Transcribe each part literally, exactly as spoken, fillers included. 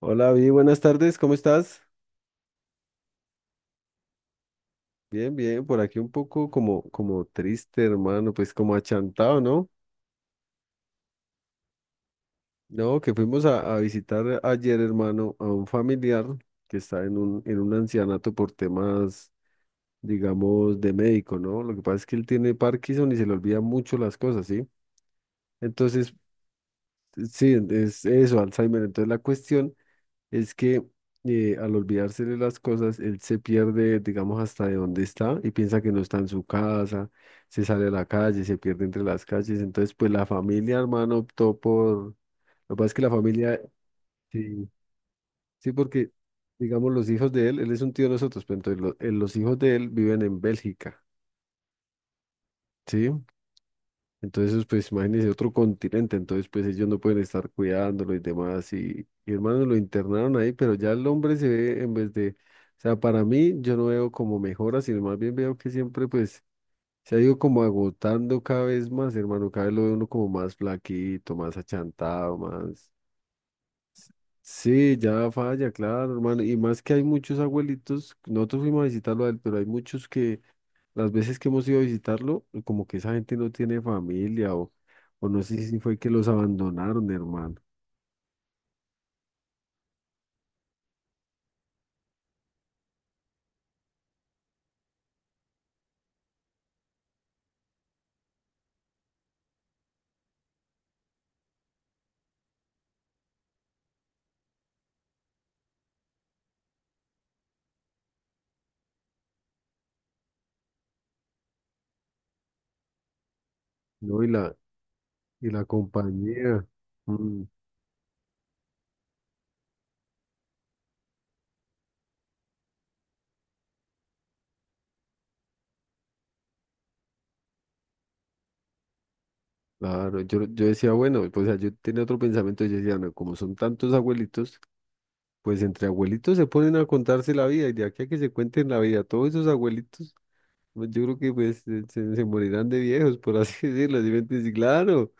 Hola, bien, buenas tardes, ¿cómo estás? Bien, bien, por aquí un poco como, como triste, hermano, pues como achantado, ¿no? No, que fuimos a, a visitar ayer, hermano, a un familiar que está en un, en un ancianato por temas, digamos, de médico, ¿no? Lo que pasa es que él tiene Parkinson y se le olvida mucho las cosas, ¿sí? Entonces, sí, es eso, Alzheimer. Entonces la cuestión es que eh, al olvidarse de las cosas, él se pierde, digamos, hasta de dónde está y piensa que no está en su casa, se sale a la calle, se pierde entre las calles. Entonces, pues la familia, hermano, optó por... Lo que pasa es que la familia, sí, sí, porque, digamos, los hijos de él, él es un tío de nosotros, pero entonces lo- eh, los hijos de él viven en Bélgica, ¿sí? Entonces, pues imagínense otro continente, entonces pues ellos no pueden estar cuidándolo y demás. Y, y, hermano, lo internaron ahí, pero ya el hombre se ve en vez de, o sea, para mí yo no veo como mejora, sino más bien veo que siempre pues se ha ido como agotando cada vez más, hermano, cada vez lo ve uno como más flaquito, más achantado, más... Sí, ya falla, claro, hermano. Y más que hay muchos abuelitos, nosotros fuimos a visitarlo a él, pero hay muchos que las veces que hemos ido a visitarlo, como que esa gente no tiene familia o no sé si fue que los abandonaron, hermano. No, y la, y la compañía. Mm, claro, yo, yo decía, bueno, pues, o sea, yo tenía otro pensamiento, yo decía, no, como son tantos abuelitos, pues entre abuelitos se ponen a contarse la vida, y de aquí a que se cuenten la vida, todos esos abuelitos, pues, yo creo que pues se, se- se morirán de viejos, por así decirlo, ¿sí me entiendes? Y claro,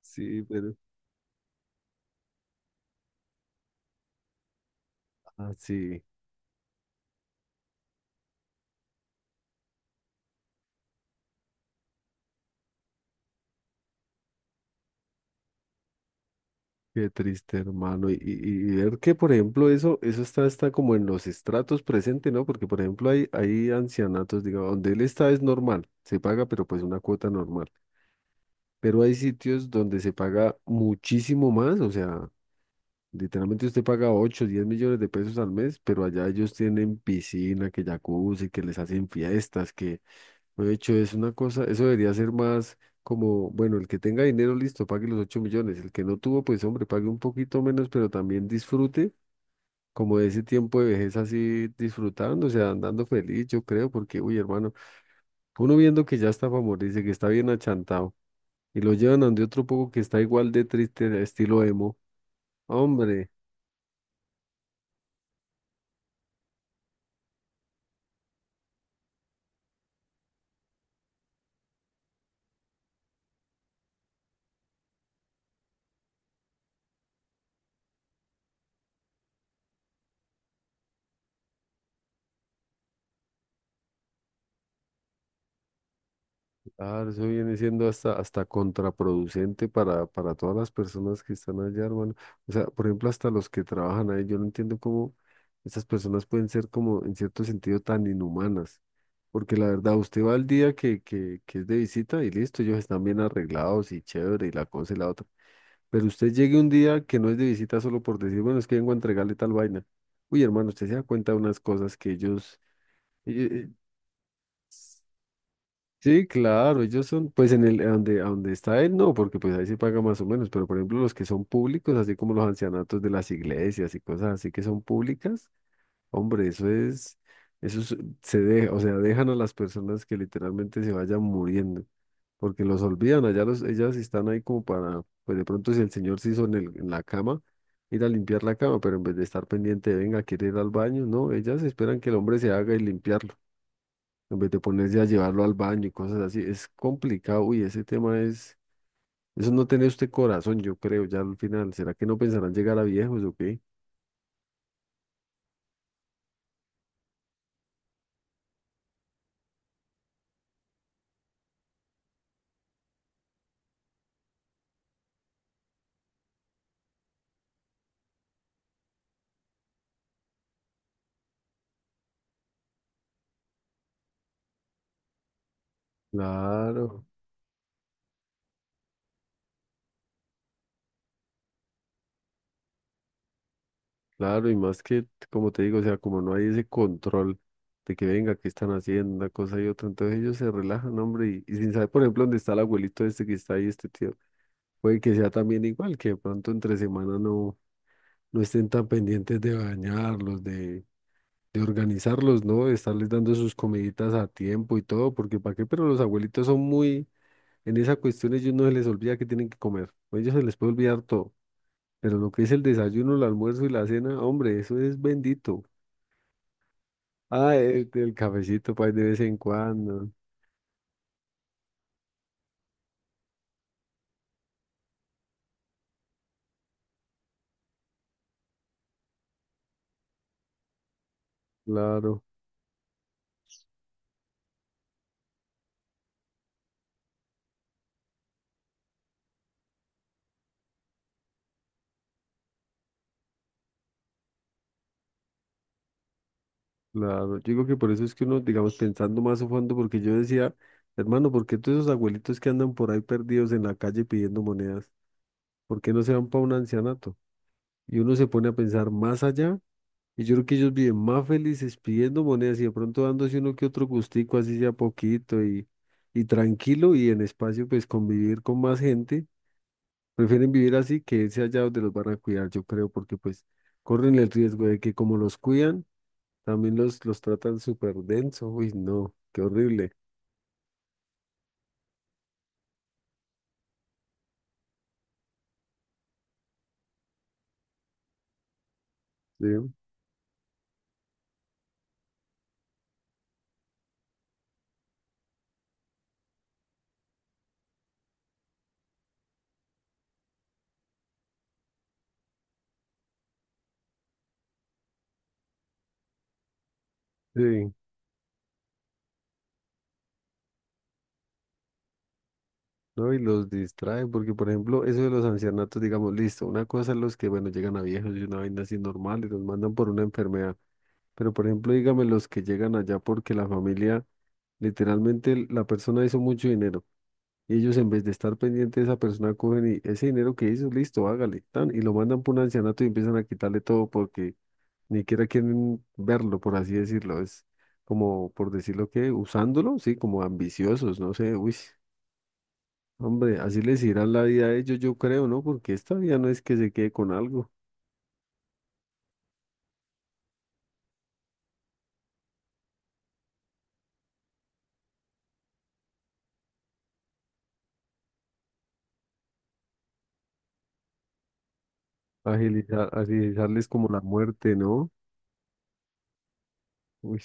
sí, pero, ah, sí. Qué triste, hermano. Y, y- y ver que, por ejemplo, eso, eso está, está como en los estratos presentes, ¿no? Porque, por ejemplo, hay, hay ancianatos, digamos, donde él está es normal, se paga, pero pues una cuota normal. Pero hay sitios donde se paga muchísimo más, o sea, literalmente usted paga ocho a diez millones de pesos al mes, pero allá ellos tienen piscina, que jacuzzi, que les hacen fiestas, de hecho, es una cosa, eso debería ser más como, bueno, el que tenga dinero, listo, pague los ocho millones. El que no tuvo, pues hombre, pague un poquito menos, pero también disfrute como de ese tiempo de vejez así disfrutando, o sea, andando feliz, yo creo, porque, uy, hermano, uno viendo que ya está para morirse, que está bien achantado, y lo llevan a donde otro poco que está igual de triste, estilo emo. Hombre. Claro, eso viene siendo hasta, hasta contraproducente para, para todas las personas que están allá, hermano. O sea, por ejemplo, hasta los que trabajan ahí, yo no entiendo cómo esas personas pueden ser como, en cierto sentido, tan inhumanas. Porque la verdad, usted va al día que, que, que es de visita y listo, ellos están bien arreglados y chévere y la cosa y la otra. Pero usted llegue un día que no es de visita solo por decir, bueno, es que vengo a entregarle tal vaina. Uy, hermano, usted se da cuenta de unas cosas que ellos, ellos, sí, claro, ellos son, pues en el, a donde, a donde está él, no, porque pues ahí se paga más o menos, pero por ejemplo los que son públicos, así como los ancianatos de las iglesias y cosas así que son públicas, hombre, eso es, eso es- se deja, o sea, dejan a las personas que literalmente se vayan muriendo, porque los olvidan, allá los, ellas están ahí como para, pues de pronto si el señor se hizo en el, en la cama, ir a limpiar la cama, pero en vez de estar pendiente, venga, quiere ir al baño, no, ellas esperan que el hombre se haga y limpiarlo en vez de ponerse a llevarlo al baño y cosas así, es complicado, uy, ese tema es, eso no tiene usted corazón, yo creo, ya al final, ¿será que no pensarán llegar a viejos o qué? Claro, claro, y más que, como te digo, o sea, como no hay ese control de que venga, qué están haciendo, una cosa y otra, entonces ellos se relajan, hombre, y, y sin saber, por ejemplo, dónde está el abuelito este que está ahí, este tío, puede que sea también igual, que de pronto entre semana no, no estén tan pendientes de bañarlos, de de organizarlos, ¿no? De estarles dando sus comiditas a tiempo y todo, porque ¿para qué? Pero los abuelitos son muy, en esa cuestión ellos no se les olvida que tienen que comer, a ellos se les puede olvidar todo, pero lo que es el desayuno, el almuerzo y la cena, hombre, eso es bendito. Ah, el, el cafecito, pues, de vez en cuando, claro, claro. Yo digo que por eso es que uno, digamos, pensando más a fondo, porque yo decía, hermano, ¿por qué todos esos abuelitos que andan por ahí perdidos en la calle pidiendo monedas, ¿por qué no se van para un ancianato? Y uno se pone a pensar más allá. Y yo creo que ellos viven más felices pidiendo monedas y de pronto dándose uno que otro gustico, así sea poquito y, y tranquilo y en espacio, pues convivir con más gente. Prefieren vivir así que irse allá donde los van a cuidar, yo creo, porque pues corren el riesgo de que como los cuidan, también los, los tratan súper denso. Uy, no, qué horrible. Sí, sí, ¿no? Y los distraen, porque por ejemplo, eso de los ancianatos, digamos, listo, una cosa es los que, bueno, llegan a viejos y una vaina así normal y los mandan por una enfermedad. Pero por ejemplo, dígame los que llegan allá porque la familia, literalmente l- la persona hizo mucho dinero y ellos en vez de estar pendientes de esa persona cogen y ese dinero que hizo, listo, hágale, tan, y lo mandan por un ancianato y empiezan a quitarle todo porque ni siquiera quieren verlo, por así decirlo. Es como, por decirlo que, usándolo, sí, como ambiciosos, no sé, uy, hombre, así les irá la vida a ellos, yo creo, ¿no? Porque esta vida no es que se quede con algo, agilizar, agilizarles como la muerte, ¿no? Uy.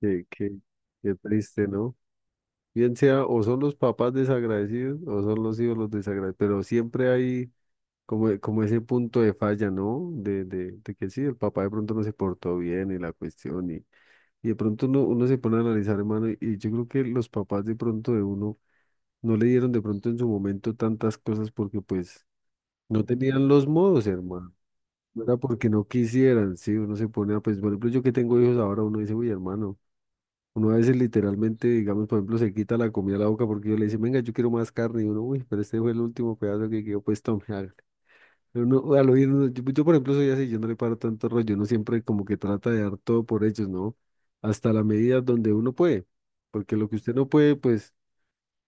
Qué, qué, qué triste, ¿no? Bien sea, o son los papás desagradecidos o son los hijos los desagradecidos, pero siempre hay como, como ese punto de falla, ¿no? De, de, de que sí, el papá de pronto no se portó bien y la cuestión, y, y de pronto uno, uno se pone a analizar, hermano, y, y yo creo que los papás de pronto de uno no le dieron de pronto en su momento tantas cosas porque pues no tenían los modos, hermano. No era porque no quisieran, sí, uno se pone a, pues, por ejemplo, yo que tengo hijos ahora, uno dice, uy, hermano. Uno a veces literalmente, digamos, por ejemplo, se quita la comida a la boca porque yo le dice, venga, yo quiero más carne. Y uno, uy, pero este fue el último pedazo que quedó, pues tome, hágale". Pero uno, al oír, uno- yo, yo, por ejemplo, soy así, yo no le paro tanto rollo, uno siempre como que trata de dar todo por ellos, ¿no? Hasta la medida donde uno puede. Porque lo que usted no puede, pues,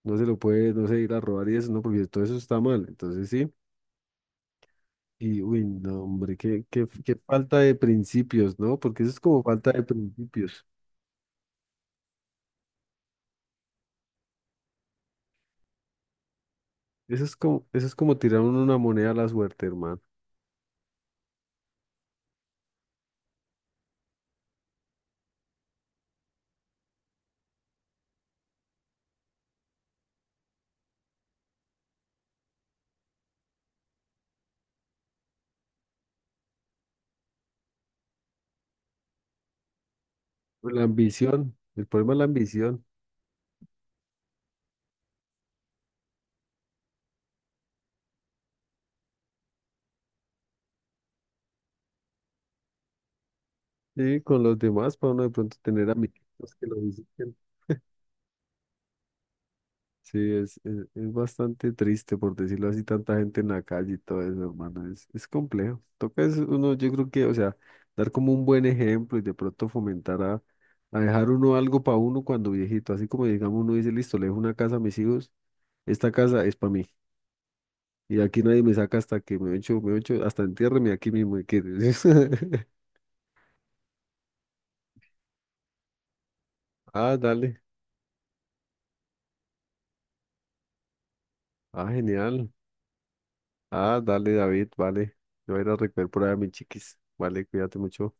no se lo puede, no sé, ir a robar y eso, ¿no? Porque todo eso está mal. Entonces, sí. Y, uy, no, hombre, qué, qué, qué falta de principios, ¿no? Porque eso es como falta de principios. Eso es como, eso es como tirar uno una moneda a la suerte, hermano. Por la ambición, el problema es la ambición. Sí, con los demás, para uno de pronto tener amigos que lo visiten. Sí, es, es, es bastante triste, por decirlo así, tanta gente en la calle y todo eso, hermano. Es, es complejo. Toca es uno, yo creo que, o sea, dar como un buen ejemplo y de pronto fomentar a, a dejar uno algo para uno cuando viejito. Así como digamos, uno dice, listo, le dejo una casa a mis hijos, esta casa es para mí. Y aquí nadie me saca hasta que me echo, me echo, hasta entiérreme aquí mismo. Y que- Ah, dale. Ah, genial. Ah, dale, David, vale. Yo voy a ir a recoger por ahí a mis chiquis. Vale, cuídate mucho.